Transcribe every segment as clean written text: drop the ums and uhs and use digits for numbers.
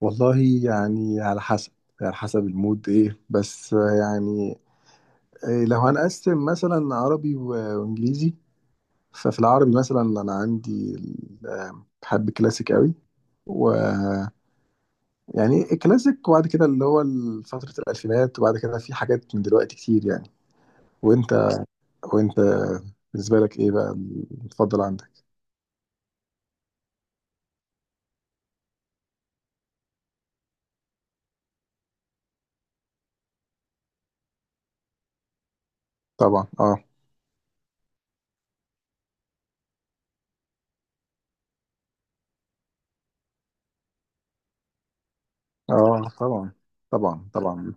والله، يعني على حسب، على حسب المود ايه بس. يعني إيه، لو هنقسم مثلا عربي و- وانجليزي، ففي العربي مثلا انا عندي بحب الكلاسيك قوي. ويعني الكلاسيك، وبعد كده اللي هو فترة الألفينات، وبعد كده في حاجات من دلوقتي كتير يعني. وانت وانت بالنسبة لك ايه بقى المفضل عندك؟ طبعا، اه. اه طبعا. طبعا.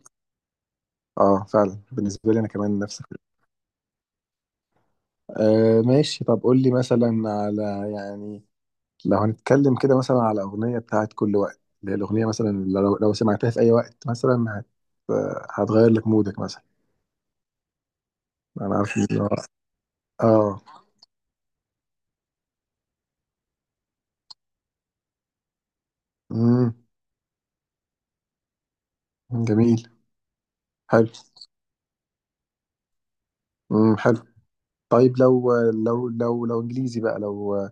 اه فعلا، بالنسبة لي انا كمان نفس. آه ماشي. طب قول لي مثلا على، يعني لو هنتكلم كده مثلا على أغنية بتاعت كل وقت، اللي هي الأغنية مثلا اللي لو سمعتها في أي وقت مثلا هت، آه، هتغير لك مودك مثلا. أنا عارف إن هو آه. مم. جميل. حلو. مم. حلو. طيب لو إنجليزي بقى، لو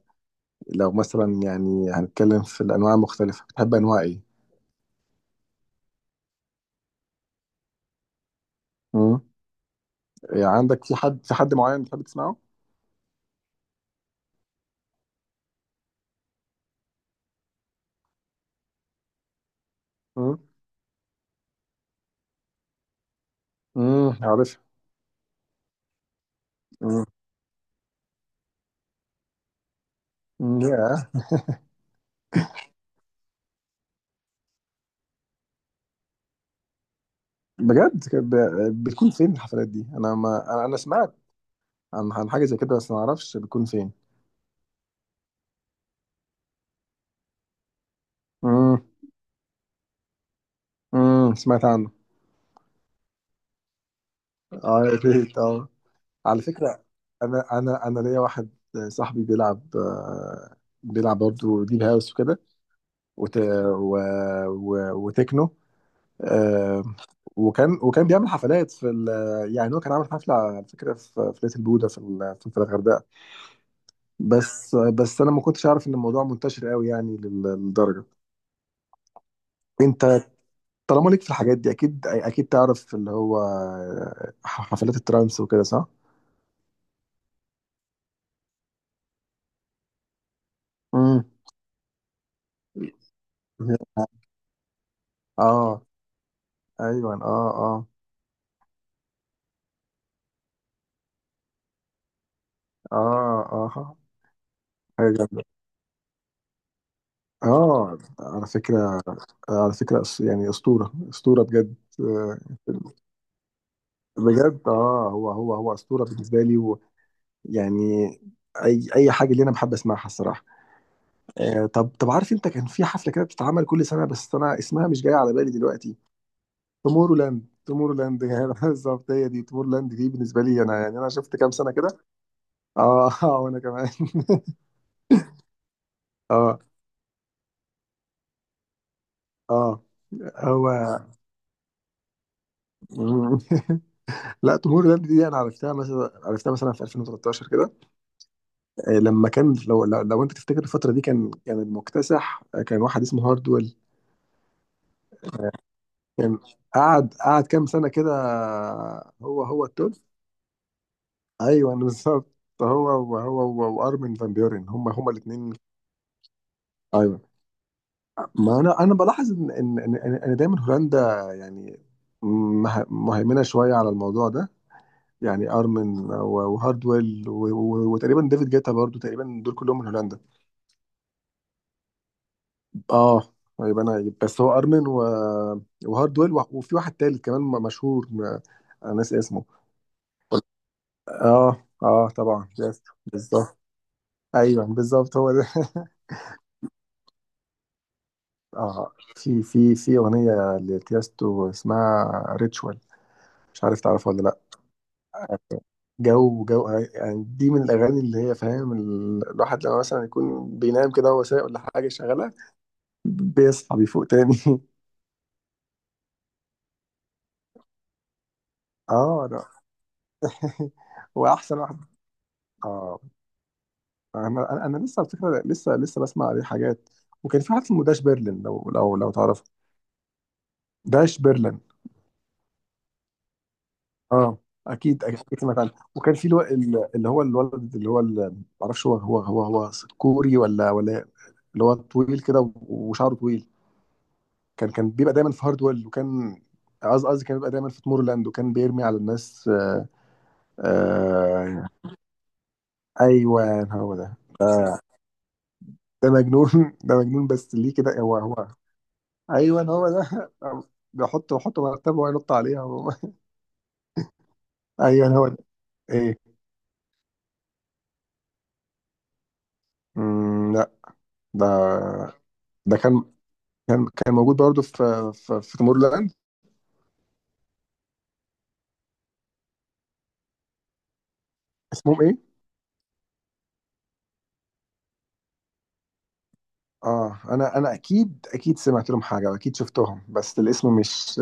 لو مثلا، يعني هنتكلم في الأنواع المختلفة، بتحب أنواع إيه؟ مم. يعني عندك في حد معين بتحب تسمعه؟ مم. مم، عارف. مم. مم. يا بجد؟ كانت بتكون فين الحفلات دي؟ انا ما انا أنا سمعت عن حاجه زي كده بس ما اعرفش بتكون فين. امم. امم، سمعت عنه. اه يا ريت، اه. على فكره، انا ليا واحد صاحبي بيلعب، بيلعب برضه ديب هاوس وكده، وت... و... و... وتكنو، آه، وكان بيعمل حفلات في يعني هو كان عامل حفله على فكره في ليتل بودا في الغردقه. بس انا ما كنتش اعرف ان الموضوع منتشر قوي يعني للدرجه. انت طالما ليك في الحاجات دي، اكيد اكيد تعرف اللي هو حفلات الترانس وكده، صح؟ امم. اه. ايوه اه. اه. اه. اه. حاجه جامده، اه. على فكره، على فكره يعني اسطوره، اسطوره بجد، آه، بجد. اه، هو هو اسطوره بالنسبه لي. ويعني اي حاجه اللي انا بحب اسمعها الصراحه. آه. طب عارف انت كان في حفله كده بتتعمل كل سنه، بس انا اسمها مش جاي على بالي دلوقتي. تومورو لاند، تومورو لاند يعني بالظبط هي دي. تومورو لاند دي بالنسبه لي انا يعني، انا شفت كام سنه كده. اه اه وانا كمان. اه. اه. هو. لا، تومور لاند دي انا عرفتها مثلا، عرفتها مثلا في 2013 كده، آه، لما كان لو انت تفتكر الفتره دي، كان المكتسح آه، كان واحد اسمه هاردويل. كان قعد، كام سنه كده، آه، هو التوب. ايوه بالظبط. هو وارمن فان بيورن، هم الاثنين. ايوه. ما انا بلاحظ ان ان ان, إن إن دايما هولندا، يعني مهيمنه شويه على الموضوع ده. يعني ارمن وهاردويل وتقريبا ديفيد جيتا برضو، تقريبا دول كلهم من هولندا. اه. يبقى انا بس هو ارمن و... وهاردويل وفي واحد تالت كمان مشهور، انا ناسي اسمه. اه اه طبعا، يس بالظبط. ايوه بالظبط هو ده اه في في اغنيه لتيستو اسمها ريتشوال، مش عارف تعرفها ولا لا. جو جو، آه، يعني دي من الاغاني اللي هي، فاهم، الواحد لما مثلا يكون بينام كده وهو سايق ولا حاجه شغاله، بيصحى بيفوق تاني اه لا واحسن واحد. اه انا انا لسه على فكره، لسه بسمع عليه حاجات. وكان في واحد اسمه داش برلين، لو تعرفه. داش برلين. اه اكيد اكيد سمعت عنه. وكان في الو... اللي هو الولد اللي هو ال-، معرفش هو كوري ولا ولا، اللي هو طويل كده وشعره طويل. كان بيبقى دايما في هاردويل وكان، قصدي، كان بيبقى دايما في تمور لاند، وكان بيرمي على الناس. آه. آه ايوه هو ده آه. ده مجنون ده مجنون بس ليه كده؟ هو ايوه هو ده بحط، مرتبه وينط عليها ايوه هو ده. ايه؟ مم، لا. ده ده كان، موجود برضه في تمور لاند. اسمهم ايه؟ اه انا اكيد، اكيد سمعت لهم حاجه واكيد شفتهم، بس الاسم مش.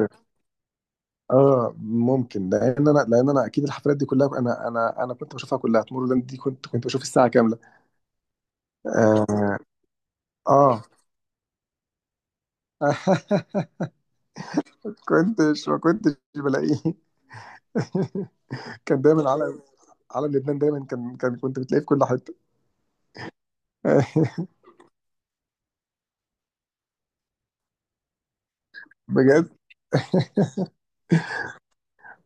اه ممكن، لان انا، لان انا اكيد الحفلات دي كلها انا، كنت بشوفها كلها. تمر لاند دي كنت، بشوف الساعه كامله. اه. آه. كنتش، ما كنتش بلاقيه كان دايما علم، علم لبنان دايما، كان كان كنت بتلاقيه في كل حته بجد.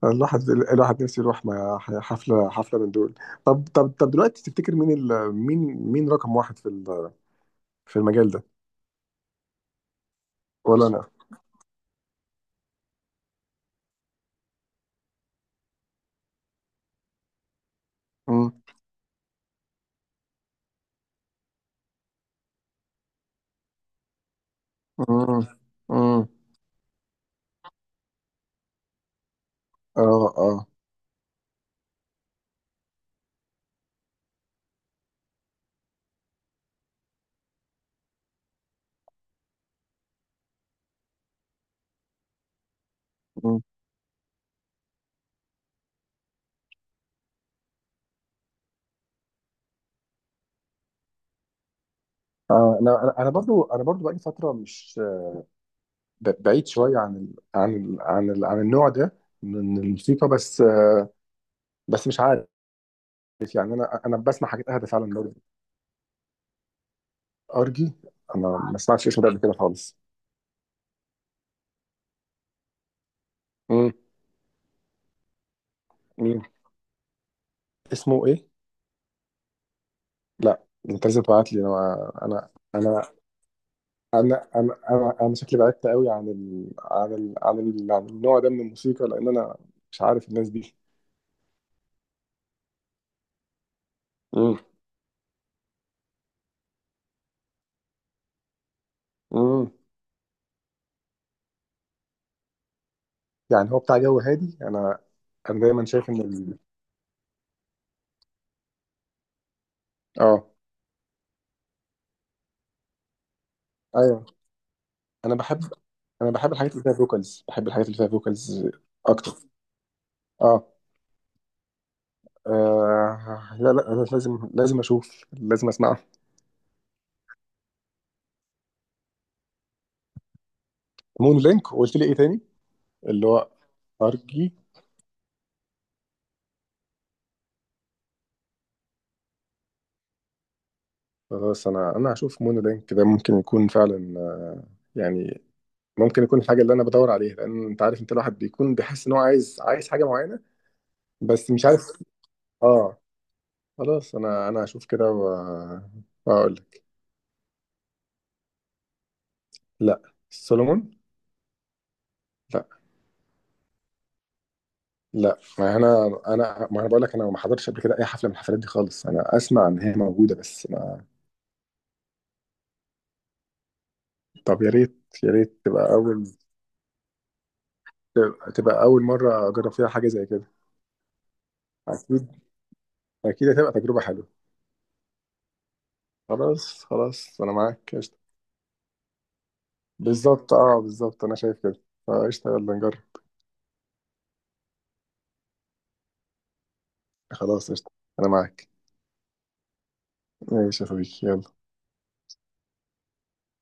الواحد، نفسه يروح مع حفله، حفله من دول. طب دلوقتي تفتكر مين ال... مين، مين رقم واحد في ال... في المجال ده؟ ولا انا. امم. امم. امم. اه. اه. آه انا انا برضو، انا برضو بقالي فتره مش بعيد شويه عن ال عن ال عن ال عن النوع ده من الموسيقى بس. بس مش عارف، يعني انا بسمع حاجات اهدى فعلا برضو. ارجي. انا ما سمعتش اسمه ده قبل كده خالص. امم. مين؟ اسمه ايه؟ لا. انت لازم تبعت لي. انا انا شكلي بعدت قوي عن ال عن ال عن, ال عن النوع ده من الموسيقى، لان انا مش عارف الناس دي. امم. امم. يعني هو بتاع جو هادي. انا، انا دايما شايف ان ال-. اه. ايوه. انا بحب، الحاجات اللي فيها فوكالز. بحب الحاجات اللي فيها فوكالز اكتر. اه. آه، لا لا أنا لازم، لازم اشوف، لازم اسمعها. مونو لينك. قلت لي ايه تاني؟ اللي هو ارجي. خلاص، انا هشوف مونو لينك ده، ممكن يكون فعلا، آه، يعني ممكن يكون الحاجه اللي انا بدور عليها. لان انت عارف، انت الواحد بيكون بيحس ان هو عايز، حاجه معينه بس مش عارف. اه. خلاص، انا هشوف كده واقول لك. لا، سولومون؟ لا لا. ما انا، انا ما انا بقول لك انا ما حضرتش قبل كده اي حفله من الحفلات دي خالص. انا اسمع ان هي موجوده بس ما. طب يا ريت، يا ريت تبقى اول، تبقى اول مره اجرب فيها حاجه زي كده. اكيد، اكيد هتبقى تجربه حلوه. خلاص انا معاك، قشطه. بالظبط، اه بالظبط، انا شايف كده. فقشطه، يلا نجرب. خلاص قشطه، انا معاك. ماشي يا صديقي، يلا.